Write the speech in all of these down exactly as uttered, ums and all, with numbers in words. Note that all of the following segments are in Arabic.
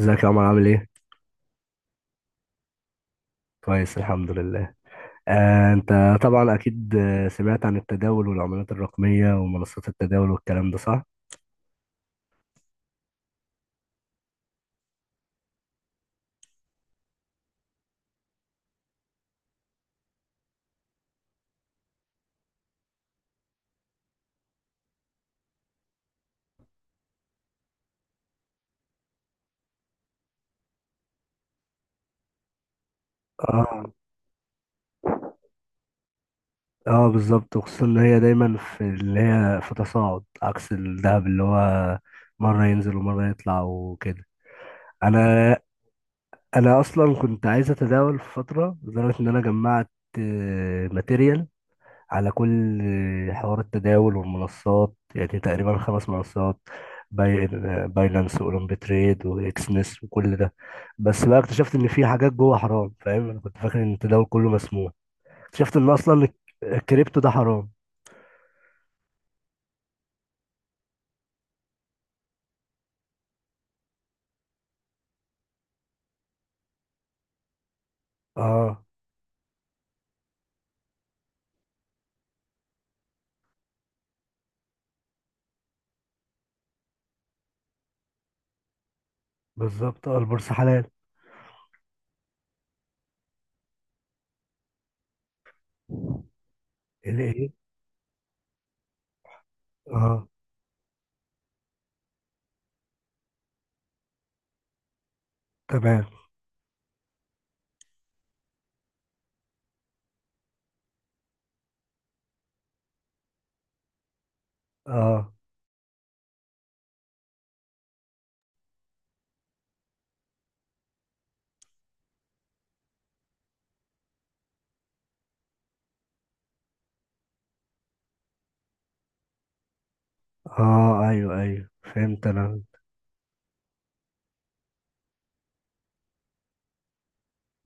ازيك يا عمر عامل ايه؟ كويس الحمد لله. آه، انت. طبعا اكيد، آه، سمعت عن التداول والعملات الرقمية ومنصات التداول والكلام ده صح؟ اه. اه، بالظبط، وخصوصا ان هي دايما في اللي هي في تصاعد، عكس الذهب اللي هو مرة ينزل ومرة يطلع وكده. انا انا اصلا كنت عايز اتداول في فترة، لدرجة ان انا جمعت ماتيريال على كل حوار التداول والمنصات، يعني تقريبا خمس منصات. باي باينانس، واولمبي تريد، واكسنس، وكل ده. بس بقى اكتشفت ان في حاجات جوه حرام، فاهم؟ انا كنت فاكر ان التداول كله مسموح. اكتشفت ان اصلا الك- الكريبتو ده حرام. اه، بالظبط. اه، البورصه حلال. الايه؟ اه، تمام. اه. اه، ايوه ايوه، فهمت انا.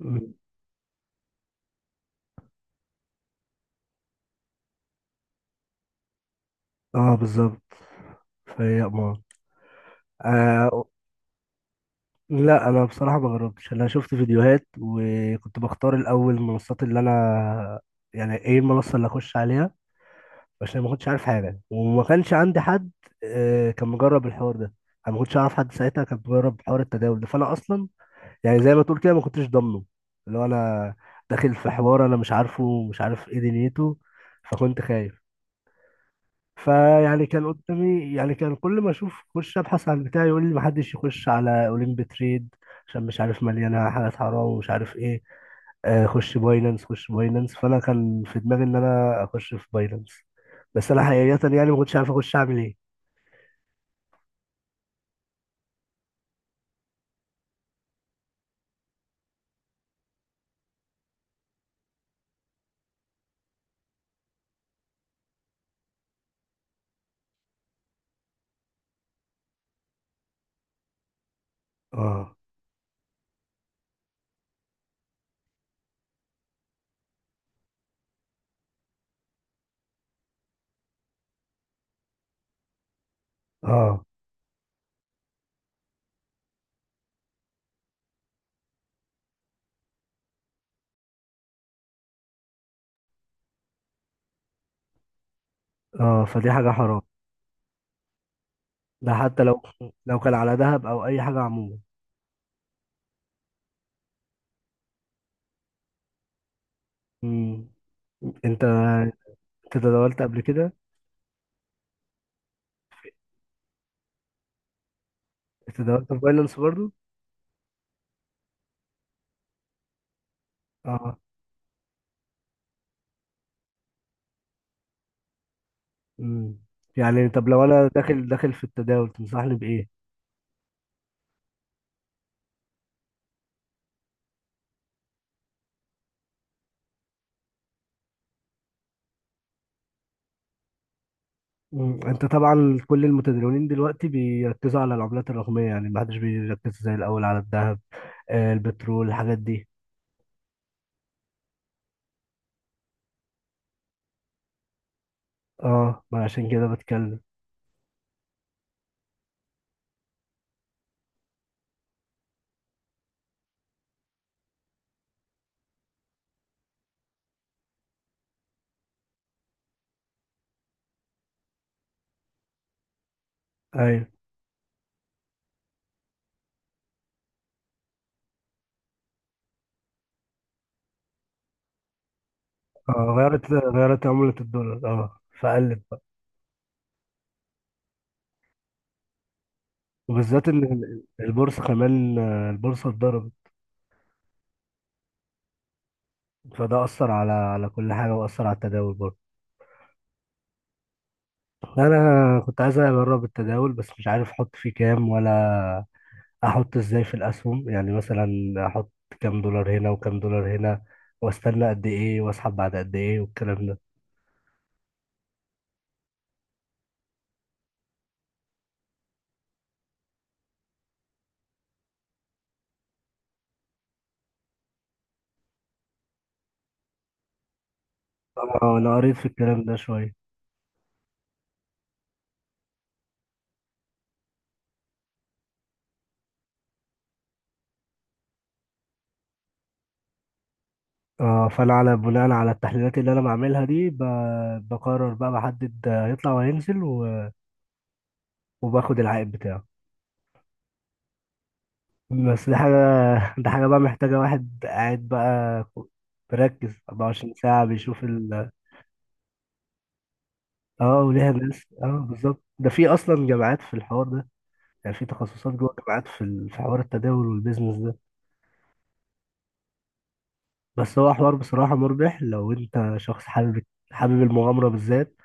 م. اه، بالظبط. فهي امار. اه، لا، انا بصراحه ما جربتش. انا شفت فيديوهات وكنت بختار الاول المنصات اللي انا، يعني ايه المنصه اللي اخش عليها، عشان ما كنتش عارف حاجه وما كانش عندي حد. آه، كان مجرب الحوار ده. انا ما كنتش اعرف حد ساعتها كان مجرب حوار التداول ده، فانا اصلا يعني زي ما تقول كده ما كنتش ضامنه اللي هو انا داخل في حوار انا مش عارفه مش عارف ايه دنيته. فكنت خايف. فيعني كان قدامي، يعني كان كل ما اشوف اخش ابحث عن بتاعي يقول لي ما حدش يخش على اولمب تريد، عشان مش عارف مليانه حاجات حرام ومش عارف ايه. آه، خش باينانس خش باينانس. فانا كان في دماغي ان انا اخش في باينانس، بس انا حقيقه يعني ما كنتش عارف اخش اعمل ايه. اه اه اه، فدي حاجه حرام. ده حتى لو لو كان على ذهب او اي حاجه عموما. مم. انت انت تداولت قبل كده؟ انت تداولت في باينانس برضو؟ اه. مم. يعني طب لو انا داخل داخل في التداول تنصحني بايه؟ مم. انت طبعا كل المتداولين دلوقتي بيركزوا على العملات الرقميه، يعني ما حدش بيركز زي الاول على الذهب، آه، البترول، الحاجات دي. اه، ما عشان كده بتكلم. ايوه. اه، غيرت غيرت عمله الدولار، اه، فقلت بقى. وبالذات ان ال- البورصه كمان، آه، البورصه اتضربت. فده اثر على على كل حاجه، واثر على التداول برضه. انا كنت عايز اجرب التداول بس مش عارف احط فيه كام، ولا احط ازاي في الاسهم. يعني مثلا احط كام دولار هنا وكام دولار هنا، واستنى قد ايه، واسحب بعد قد ايه، والكلام ده. اه، انا قريت في الكلام ده شويه. اه، فانا على بناء على التحليلات اللي انا بعملها دي ب- بقرر بقى، بحدد هيطلع وهينزل و- وباخد العائد بتاعه. بس دي حاجه دي حاجه بقى محتاجه واحد قاعد بقى مركز أربعة وعشرين ساعة ساعه بيشوف ال اه، وليها ناس. اه، بالظبط، ده في اصلا جامعات في الحوار ده، يعني في تخصصات جوه الجامعات في ال- في حوار التداول والبيزنس ده. بس هو حوار بصراحة مربح لو انت شخص حابب، حابب المغامرة بالذات،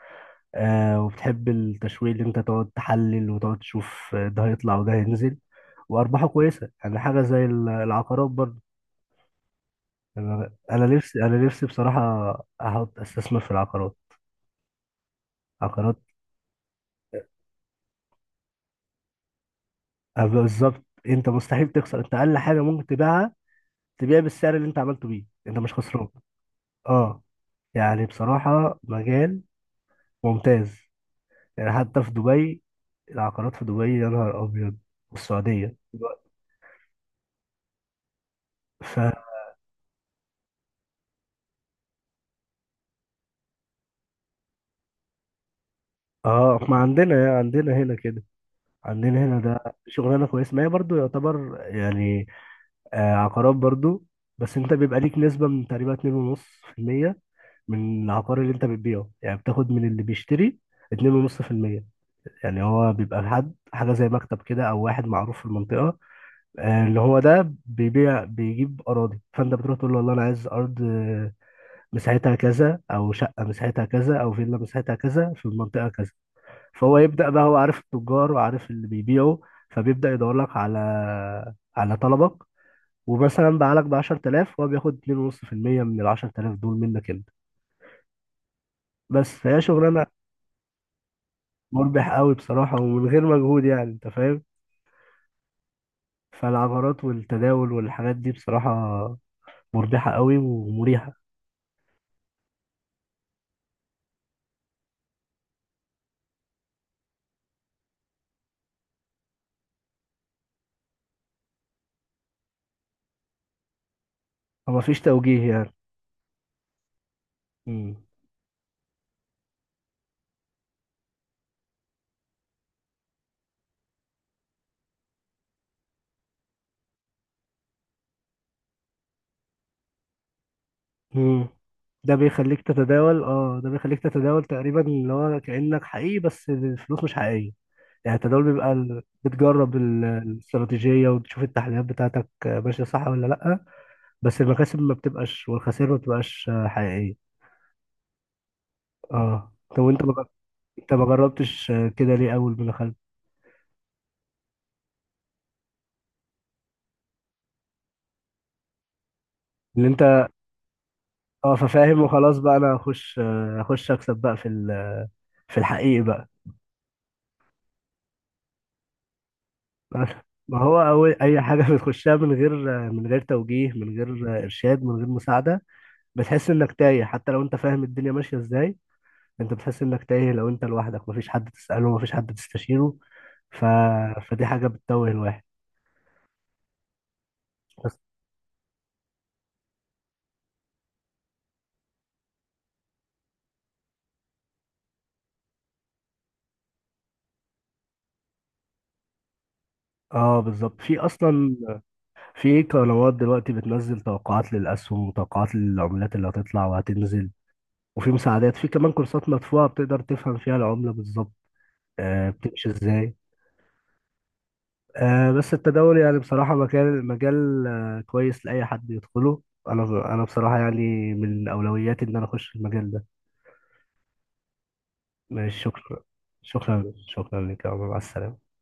آه، وبتحب التشويق، اللي انت تقعد تحلل وتقعد تشوف ده هيطلع وده هينزل، وارباحه كويسة، يعني حاجة زي ال- العقارات برضه. انا انا نفسي انا نفسي بصراحة احط استثمر في العقارات، عقارات. آه، بالظبط، انت مستحيل تخسر. انت اقل حاجة ممكن تبيعها، تبيع بالسعر اللي انت عملته بيه، انت مش خسران. اه، يعني بصراحة مجال ممتاز، يعني حتى في دبي، العقارات في دبي يا نهار ابيض، والسعوديه دلوقتي. ف اه، ما عندنا عندنا هنا كده. عندنا هنا ده شغلانه كويسه، ما هي برضو يعتبر يعني، آه، عقارات برضو. بس انت بيبقى ليك نسبه من تقريبا اثنين ونص في المية من العقار اللي انت بتبيعه، يعني بتاخد من اللي بيشتري اثنين ونص في المية. يعني هو بيبقى حد حاجه زي مكتب كده، او واحد معروف في المنطقه، آه، اللي هو ده بيبيع بيجيب اراضي، فانت بتروح تقول له والله انا عايز ارض مساحتها كذا، او شقه مساحتها كذا، او فيلا مساحتها كذا في المنطقه كذا. فهو يبدا بقى، هو عارف التجار وعارف اللي بيبيعوا. فبيبدا يدور لك على على طلبك، ومثلا باعلك ب عشرة آلاف، هو بياخد اثنين ونص في المية من ال عشرة آلاف دول منك انت. بس فهي شغلانه مربح قوي بصراحه، ومن غير مجهود، يعني انت فاهم. فالعقارات والتداول والحاجات دي بصراحه مربحه قوي ومريحه. ومفيش توجيه، يعني. مم. مم. ده بيخليك تتداول اه ده بيخليك تتداول تقريبا اللي هو كأنك حقيقي، بس الفلوس مش حقيقية. يعني التداول بيبقى ال- بتجرب ال- الاستراتيجية، وتشوف التحليلات بتاعتك ماشية صح ولا لأ. بس المكاسب ما بتبقاش والخسائر ما بتبقاش حقيقية. اه، طب وانت ما جر- انت ما جربتش كده ليه اول ما دخلت؟ ان انت، اه، ففاهم وخلاص بقى انا هخش، آه، هخش اكسب بقى في ال- في الحقيقي بقى. بس ما هو أول أي حاجة بتخشها من غير من غير توجيه، من غير إرشاد، من غير مساعدة، بتحس إنك تايه. حتى لو أنت فاهم الدنيا ماشية إزاي، أنت بتحس إنك تايه لو أنت لوحدك، مفيش حد تسأله، مفيش حد تستشيره. ف... فدي حاجة بتتوه الواحد. بس. اه، بالظبط. في اصلا، في قنوات دلوقتي بتنزل توقعات للاسهم وتوقعات للعملات اللي هتطلع وهتنزل. وفي مساعدات، في كمان كورسات مدفوعة بتقدر تفهم فيها العملة بالظبط، آه، بتمشي ازاي. آه، بس التداول يعني بصراحة مجال مجال آه كويس لأي حد يدخله. أنا أنا بصراحة يعني من أولوياتي إن أنا أخش المجال ده. ماشي، شكرا. شكرا شكرا لك يا عمر، مع السلامة.